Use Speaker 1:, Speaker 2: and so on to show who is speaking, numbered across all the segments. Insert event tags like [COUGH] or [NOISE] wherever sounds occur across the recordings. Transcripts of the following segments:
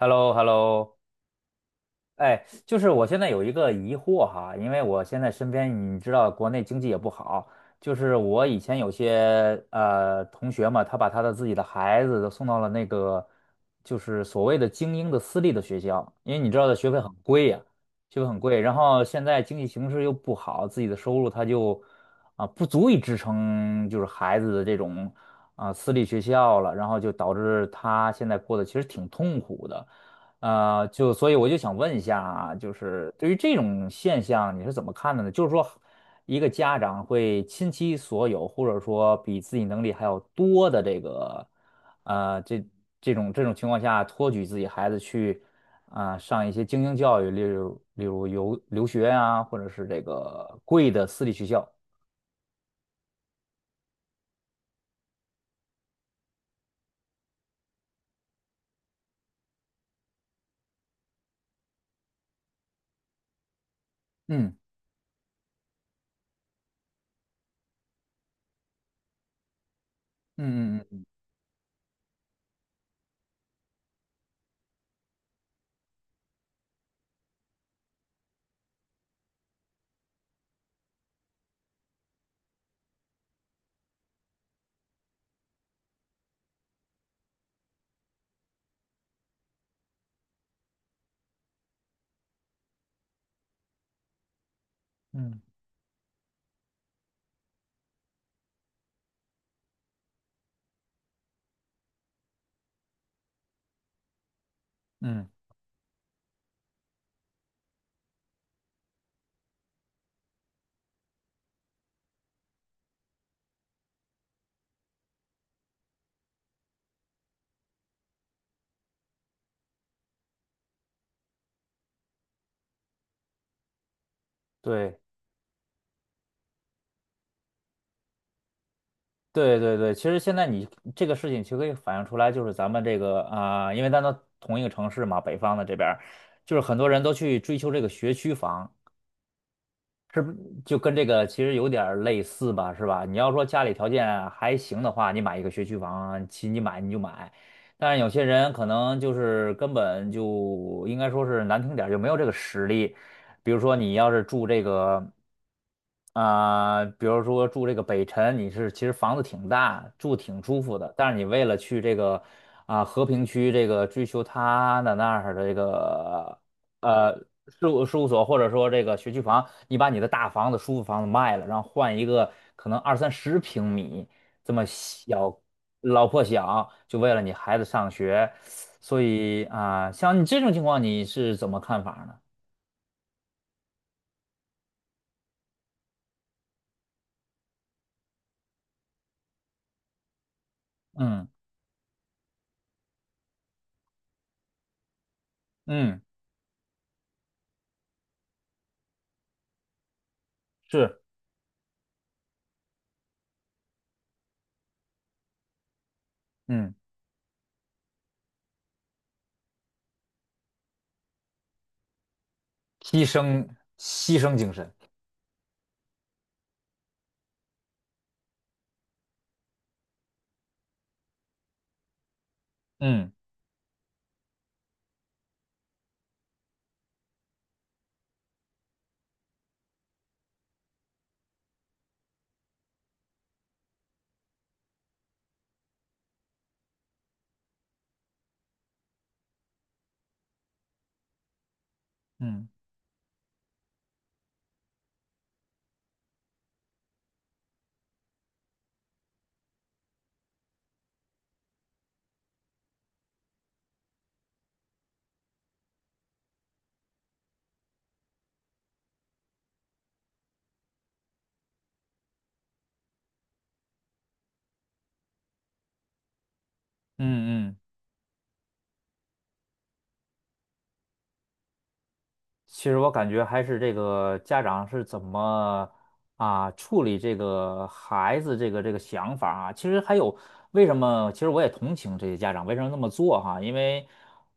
Speaker 1: h e l l o h e l l o 哎，就是我现在有一个疑惑哈，因为我现在身边你知道国内经济也不好，就是我以前有些同学嘛，他把他的自己的孩子都送到了那个就是所谓的精英的私立的学校，因为你知道的学费很贵，然后现在经济形势又不好，自己的收入他就不足以支撑就是孩子的这种私立学校了，然后就导致他现在过得其实挺痛苦的。就所以我就想问一下啊，就是对于这种现象你是怎么看的呢？就是说，一个家长会倾其所有，或者说比自己能力还要多的这个，呃，这这种情况下，托举自己孩子去上一些精英教育，例如留学啊，或者是这个贵的私立学校。嗯嗯嗯嗯嗯嗯，对。对对对，其实现在你这个事情其实可以反映出来，就是咱们这个因为咱都同一个城市嘛，北方的这边儿，就是很多人都去追求这个学区房，就跟这个其实有点儿类似吧，是吧？你要说家里条件还行的话，你买一个学区房，其你买你就买。但是有些人可能就是根本就应该说是难听点儿就没有这个实力。比如说你要是住这个，比如说住这个北辰，你是其实房子挺大，住挺舒服的，但是你为了去这个和平区这个追求它的那儿的这个呃事务所或者说这个学区房，你把你的大房子、舒服房子卖了，然后换一个可能二三十平米这么小、老破小，就为了你孩子上学，所以像你这种情况，你是怎么看法呢？嗯嗯，是嗯，牺牲牺牲精神，嗯嗯嗯嗯。其实我感觉还是这个家长是怎么处理这个孩子这个想法啊。其实还有为什么？其实我也同情这些家长为什么那么做哈，因为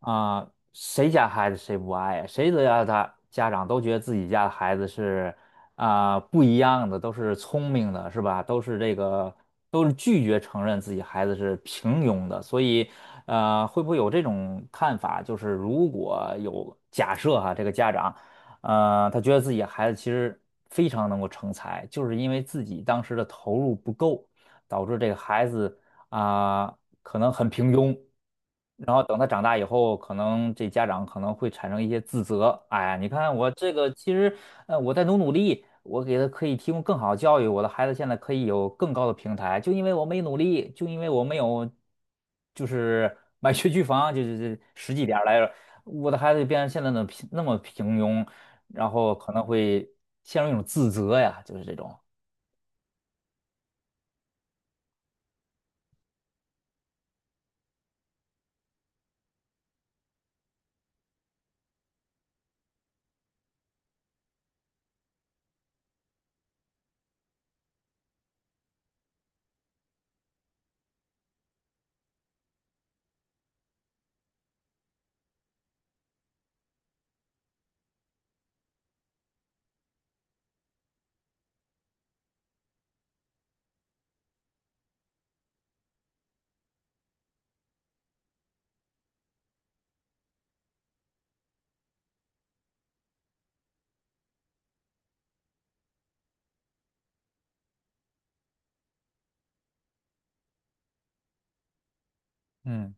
Speaker 1: 啊、谁家孩子谁不爱呀谁的家的家长都觉得自己家的孩子是不一样的，都是聪明的，是吧？都是这个，都是拒绝承认自己孩子是平庸的，所以，会不会有这种看法？就是如果有假设哈，这个家长，他觉得自己孩子其实非常能够成才，就是因为自己当时的投入不够，导致这个孩子啊、可能很平庸。然后等他长大以后，可能这家长可能会产生一些自责。哎呀，你看我这个，其实我在努努力，我给他可以提供更好的教育，我的孩子现在可以有更高的平台，就因为我没努力，就因为我没有，就是买学区房，就是实际点儿来说，我的孩子就变成现在的那么平庸，然后可能会陷入一种自责呀，就是这种。嗯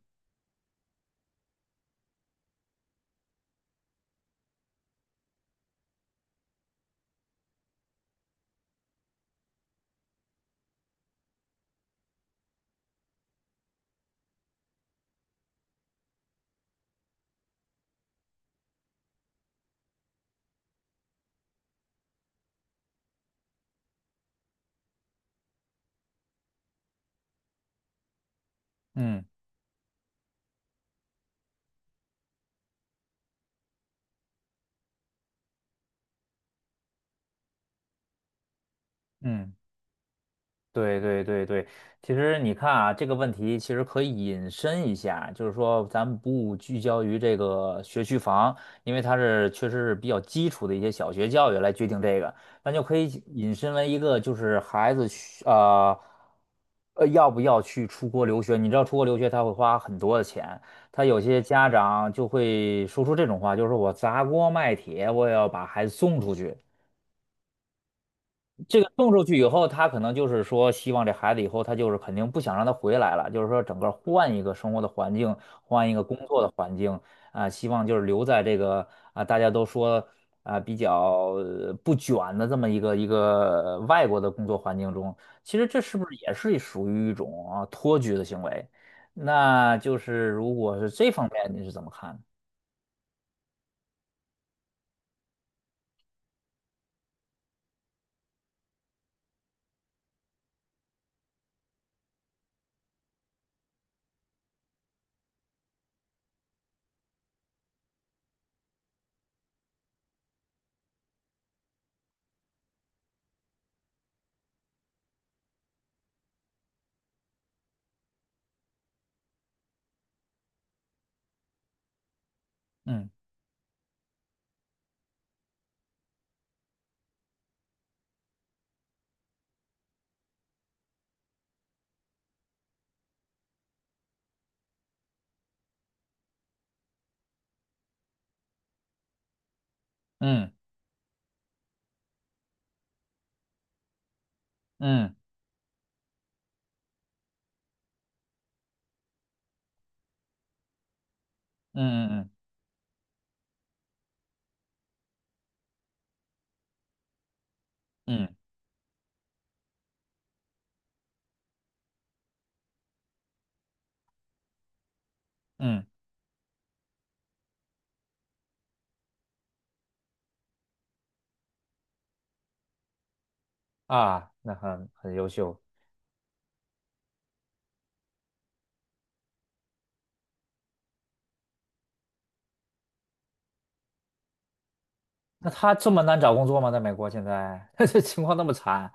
Speaker 1: 嗯嗯。对对对对，其实你看啊，这个问题其实可以引申一下，就是说咱们不聚焦于这个学区房，因为它是确实是比较基础的一些小学教育来决定这个，那就可以引申为一个就是孩子要不要去出国留学？你知道出国留学他会花很多的钱，他有些家长就会说出这种话，就是说我砸锅卖铁我也要把孩子送出去。这个送出去以后，他可能就是说，希望这孩子以后他就是肯定不想让他回来了，就是说整个换一个生活的环境，换一个工作的环境啊，希望就是留在这个大家都说比较不卷的这么一个外国的工作环境中，其实这是不是也是属于一种托举的行为？那就是如果是这方面，你是怎么看的？嗯嗯嗯嗯嗯嗯嗯嗯啊，那很优秀。那他这么难找工作吗？在美国现在 [LAUGHS] 这情况那么惨，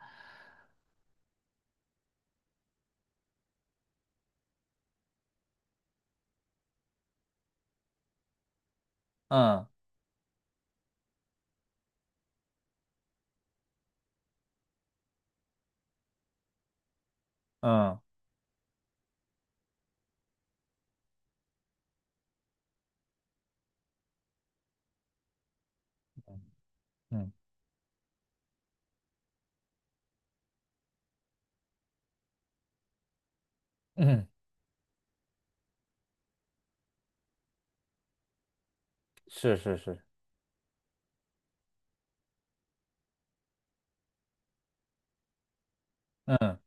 Speaker 1: 嗯嗯嗯嗯，是是是，嗯，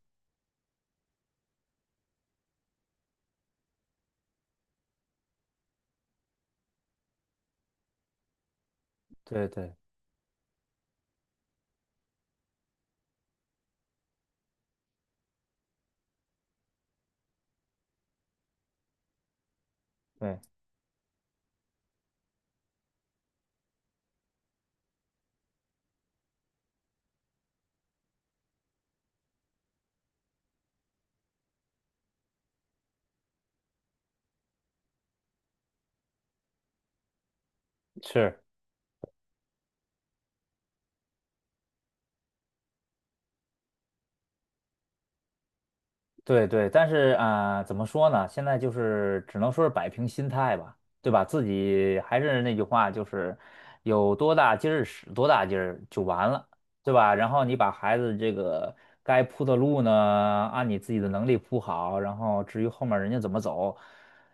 Speaker 1: 对对对，是。对对，但是怎么说呢？现在就是只能说是摆平心态吧，对吧？自己还是那句话，就是有多大劲儿使多大劲儿就完了，对吧？然后你把孩子这个该铺的路呢，按你自己的能力铺好，然后至于后面人家怎么走，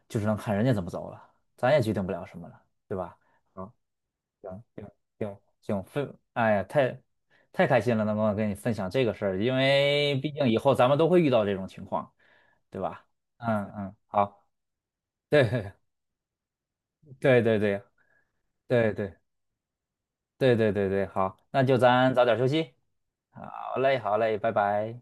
Speaker 1: 就只能看人家怎么走了，咱也决定不了什么了，对吧？好，行，行行分，哎呀，太开心了，能够跟你分享这个事儿，因为毕竟以后咱们都会遇到这种情况，对吧？嗯嗯，好，对 [LAUGHS] 对对对对对对对对对，好，那就咱早点休息。好嘞，好嘞，拜拜。